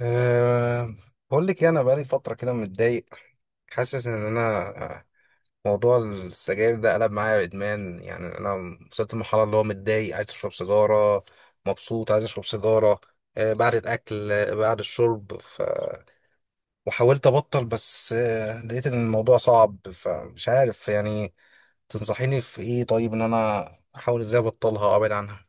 أه بقول لك إيه، انا بقالي فتره كده متضايق. حاسس ان انا آه، موضوع السجاير ده قلب معايا ادمان يعني انا وصلت لمرحله اللي هو متضايق عايز اشرب سيجاره، مبسوط عايز اشرب سيجاره بعد الاكل بعد الشرب. وحاولت ابطل بس لقيت ان الموضوع صعب فمش عارف يعني. تنصحيني في ايه طيب ان انا احاول ازاي ابطلها او ابعد عنها؟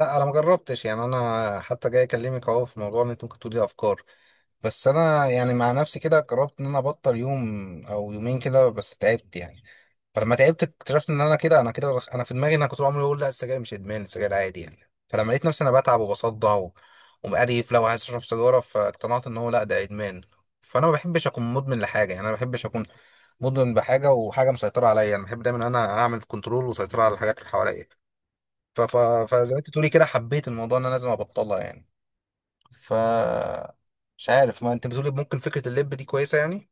لا انا ما جربتش يعني انا حتى جاي اكلمك اهو في موضوع ان انت ممكن تقولي افكار. بس انا يعني مع نفسي كده قررت ان انا ابطل يوم او يومين كده بس تعبت يعني. فلما تعبت اكتشفت ان انا كده انا كده انا في دماغي ان انا كنت بعمل اقول لا السجاير مش ادمان السجاير عادي يعني. فلما لقيت نفسي انا بتعب وبصدع ومقريف لو عايز اشرب سيجاره فاقتنعت ان هو لا ده ادمان. فانا ما بحبش اكون مدمن لحاجه يعني انا ما بحبش اكون مدمن بحاجه وحاجه مسيطره عليا. انا بحب دايما ان انا اعمل كنترول وسيطره على الحاجات اللي حواليا ف... ف... فزي ما انت تقولي كده حبيت الموضوع ان انا لازم ابطلها يعني. ف مش عارف ما انت بتقول ممكن فكره اللب دي كويسه يعني.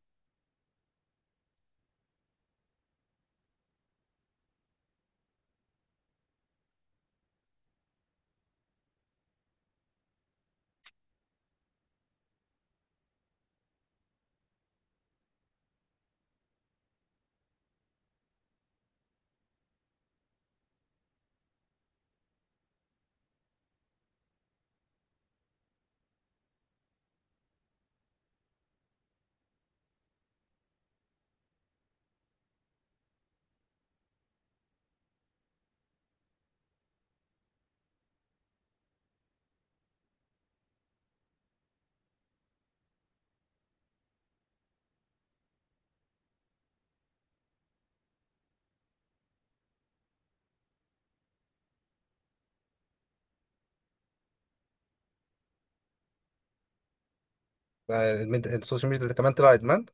السوشيال ميديا ده كمان طلع ادمان.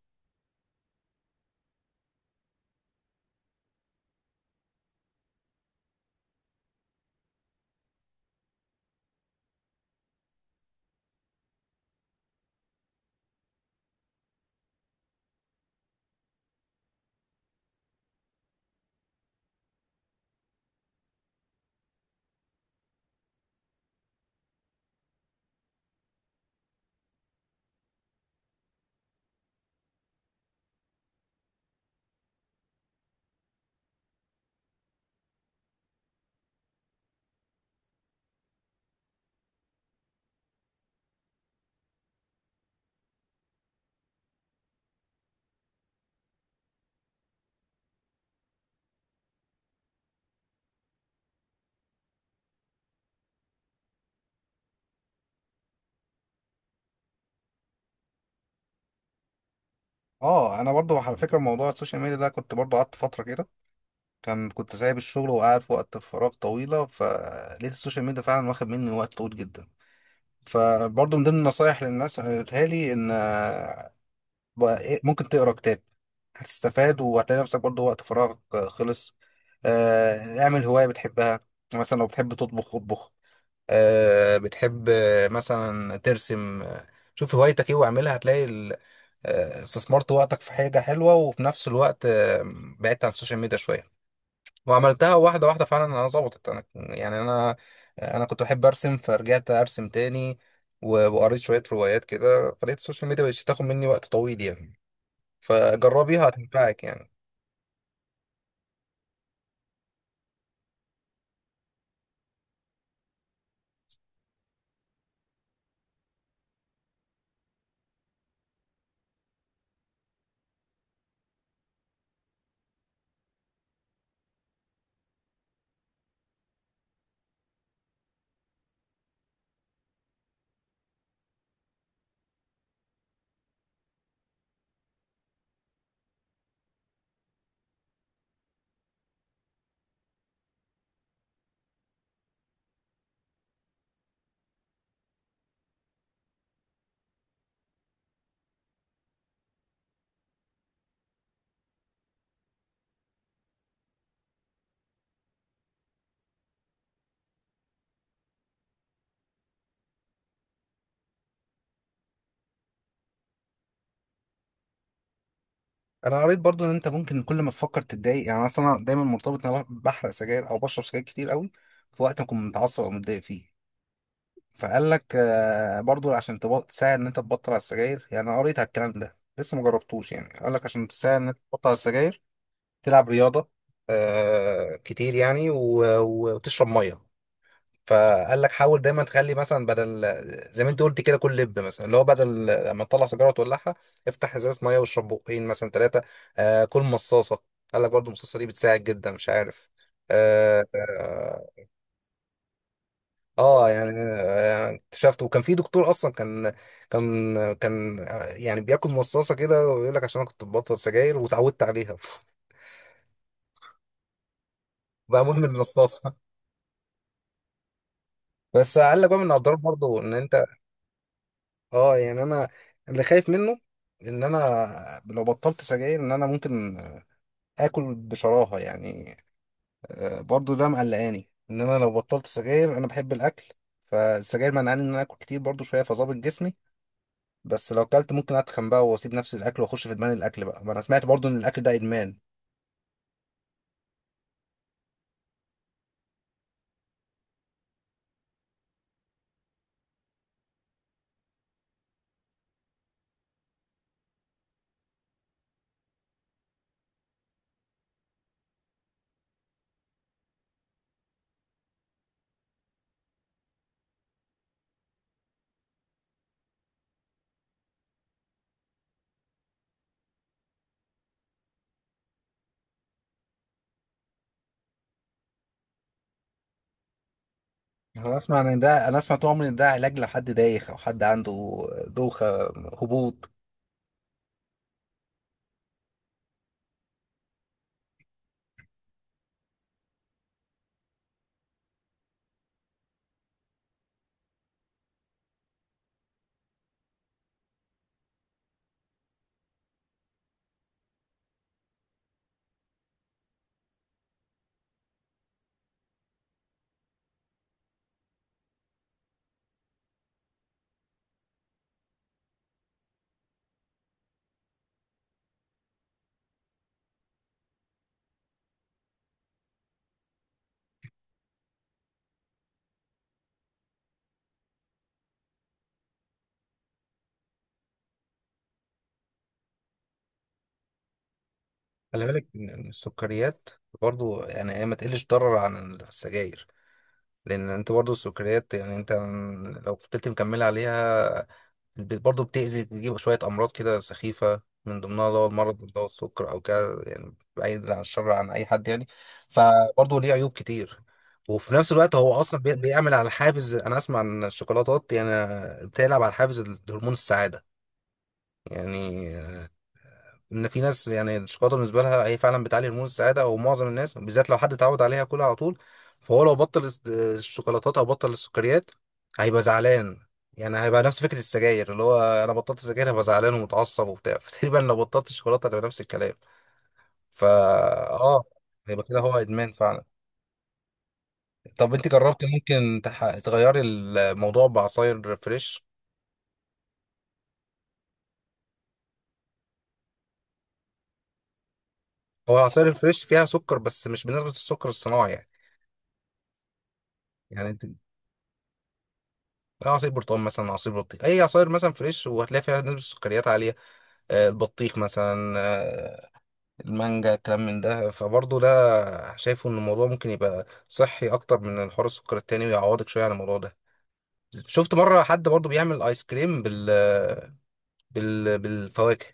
اه انا برضو على فكره موضوع السوشيال ميديا ده كنت برضو قعدت فتره كده. كنت سايب الشغل وقاعد في وقت فراغ طويله فلقيت السوشيال ميديا فعلا واخد مني وقت طويل جدا. فبرضو من ضمن النصايح للناس اللي قالتها لي ان بقى إيه، ممكن تقرا كتاب هتستفاد وهتلاقي نفسك برضو وقت فراغك خلص. اعمل هوايه بتحبها مثلا لو بتحب تطبخ اطبخ. بتحب مثلا ترسم. شوف هوايتك ايه واعملها هتلاقي استثمرت وقتك في حاجة حلوة وفي نفس الوقت بعدت عن السوشيال ميديا شوية وعملتها واحدة واحدة فعلا. انا ظبطت انا يعني انا كنت بحب ارسم فرجعت ارسم تاني وقريت شوية روايات كده فلقيت السوشيال ميديا مبقتش تاخد مني وقت طويل يعني. فجربيها هتنفعك يعني. انا قريت برضو ان انت ممكن كل ما تفكر تتضايق يعني اصلا أنا دايما مرتبط ان انا بحرق سجاير او بشرب سجاير كتير قوي في وقت اكون متعصب او متضايق فيه. فقال لك برضو عشان تساعد ان انت تبطل على السجاير يعني. انا قريت على الكلام ده لسه ما جربتوش يعني. قال لك عشان تساعد ان انت تبطل على السجاير تلعب رياضه كتير يعني وتشرب ميه. فقال لك حاول دايما تخلي مثلا بدل زي ما انت قلت كده كل لب مثلا اللي هو بدل لما تطلع سيجاره وتولعها افتح ازازه ميه واشرب بقين مثلا ثلاثه كل مصاصه. قال لك برضو المصاصه دي بتساعد جدا مش عارف آه آه، اه يعني اكتشفت وكان في دكتور اصلا كان يعني بياكل مصاصه كده ويقول لك عشان انا كنت ببطل سجاير وتعودت عليها بقى مدمن المصاصه. بس قال لك بقى من الاضرار برضه ان انت. اه يعني انا اللي خايف منه ان انا لو بطلت سجاير ان انا ممكن اكل بشراهه يعني. برضه ده مقلقاني ان انا لو بطلت سجاير انا بحب الاكل. فالسجاير منعني ان انا اكل كتير برضه شويه فظابط جسمي. بس لو اكلت ممكن اتخن بقى واسيب نفس الاكل واخش في ادمان الاكل بقى ما انا سمعت برضو ان الاكل ده ادمان. يعني انا اسمع ان ده انا اسمع طول عمري ان ده علاج لحد دايخ او حد عنده دوخه، هبوط. خلي بالك ان السكريات برضو يعني هي ما تقلش ضرر عن السجاير. لان انت برضو السكريات يعني انت لو فضلت مكمله عليها برضه بتأذي تجيب شوية أمراض كده سخيفة من ضمنها اللي هو المرض اللي هو السكر أو كده يعني بعيد عن الشر عن أي حد يعني. فبرضه ليه عيوب كتير. وفي نفس الوقت هو أصلا بيعمل على حافز. أنا أسمع إن الشوكولاتات يعني بتلعب على حافز هرمون السعادة، يعني ان في ناس يعني الشوكولاته بالنسبه لها هي فعلا بتعلي هرمون السعاده او معظم الناس بالذات لو حد اتعود عليها كلها على طول. فهو لو بطل الشوكولاتات او بطل السكريات هيبقى زعلان. يعني هيبقى نفس فكره السجاير اللي هو انا بطلت سجاير هبقى زعلان ومتعصب وبتاع فتقريبا لو بطلت الشوكولاته هيبقى نفس الكلام. فا اه هيبقى كده هو ادمان فعلا. طب انت جربت ممكن تغيري الموضوع بعصاير فريش؟ هو العصاير الفريش فيها سكر بس مش بنسبه السكر الصناعي يعني. يعني انت عصير برتقال مثلا عصير بطيخ اي عصاير مثلا فريش وهتلاقي فيها نسبه السكريات عاليه. البطيخ مثلا، المانجا الكلام من ده فبرضه ده شايفه ان الموضوع ممكن يبقى صحي اكتر من الحوار السكر التاني ويعوضك شويه عن الموضوع ده. شفت مره حد برضه بيعمل ايس كريم بالفواكه.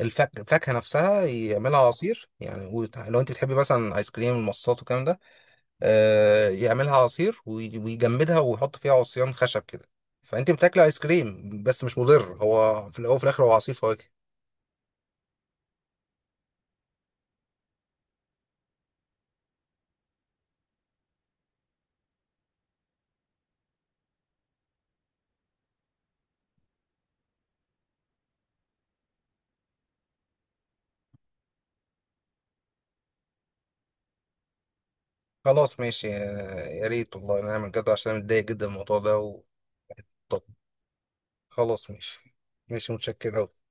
الفاكهه نفسها يعملها عصير يعني، لو انت بتحبي مثلا ايس كريم المصاصات والكلام ده يعملها عصير ويجمدها ويحط فيها عصيان خشب كده. فانت بتاكلي ايس كريم بس مش مضر، هو في الاول وفي الاخر هو عصير فواكه. خلاص ماشي، يا ريت والله نعمل كده عشان انا متضايق جدا من الموضوع ده. طب خلاص ماشي. ماشي، متشكر أوي.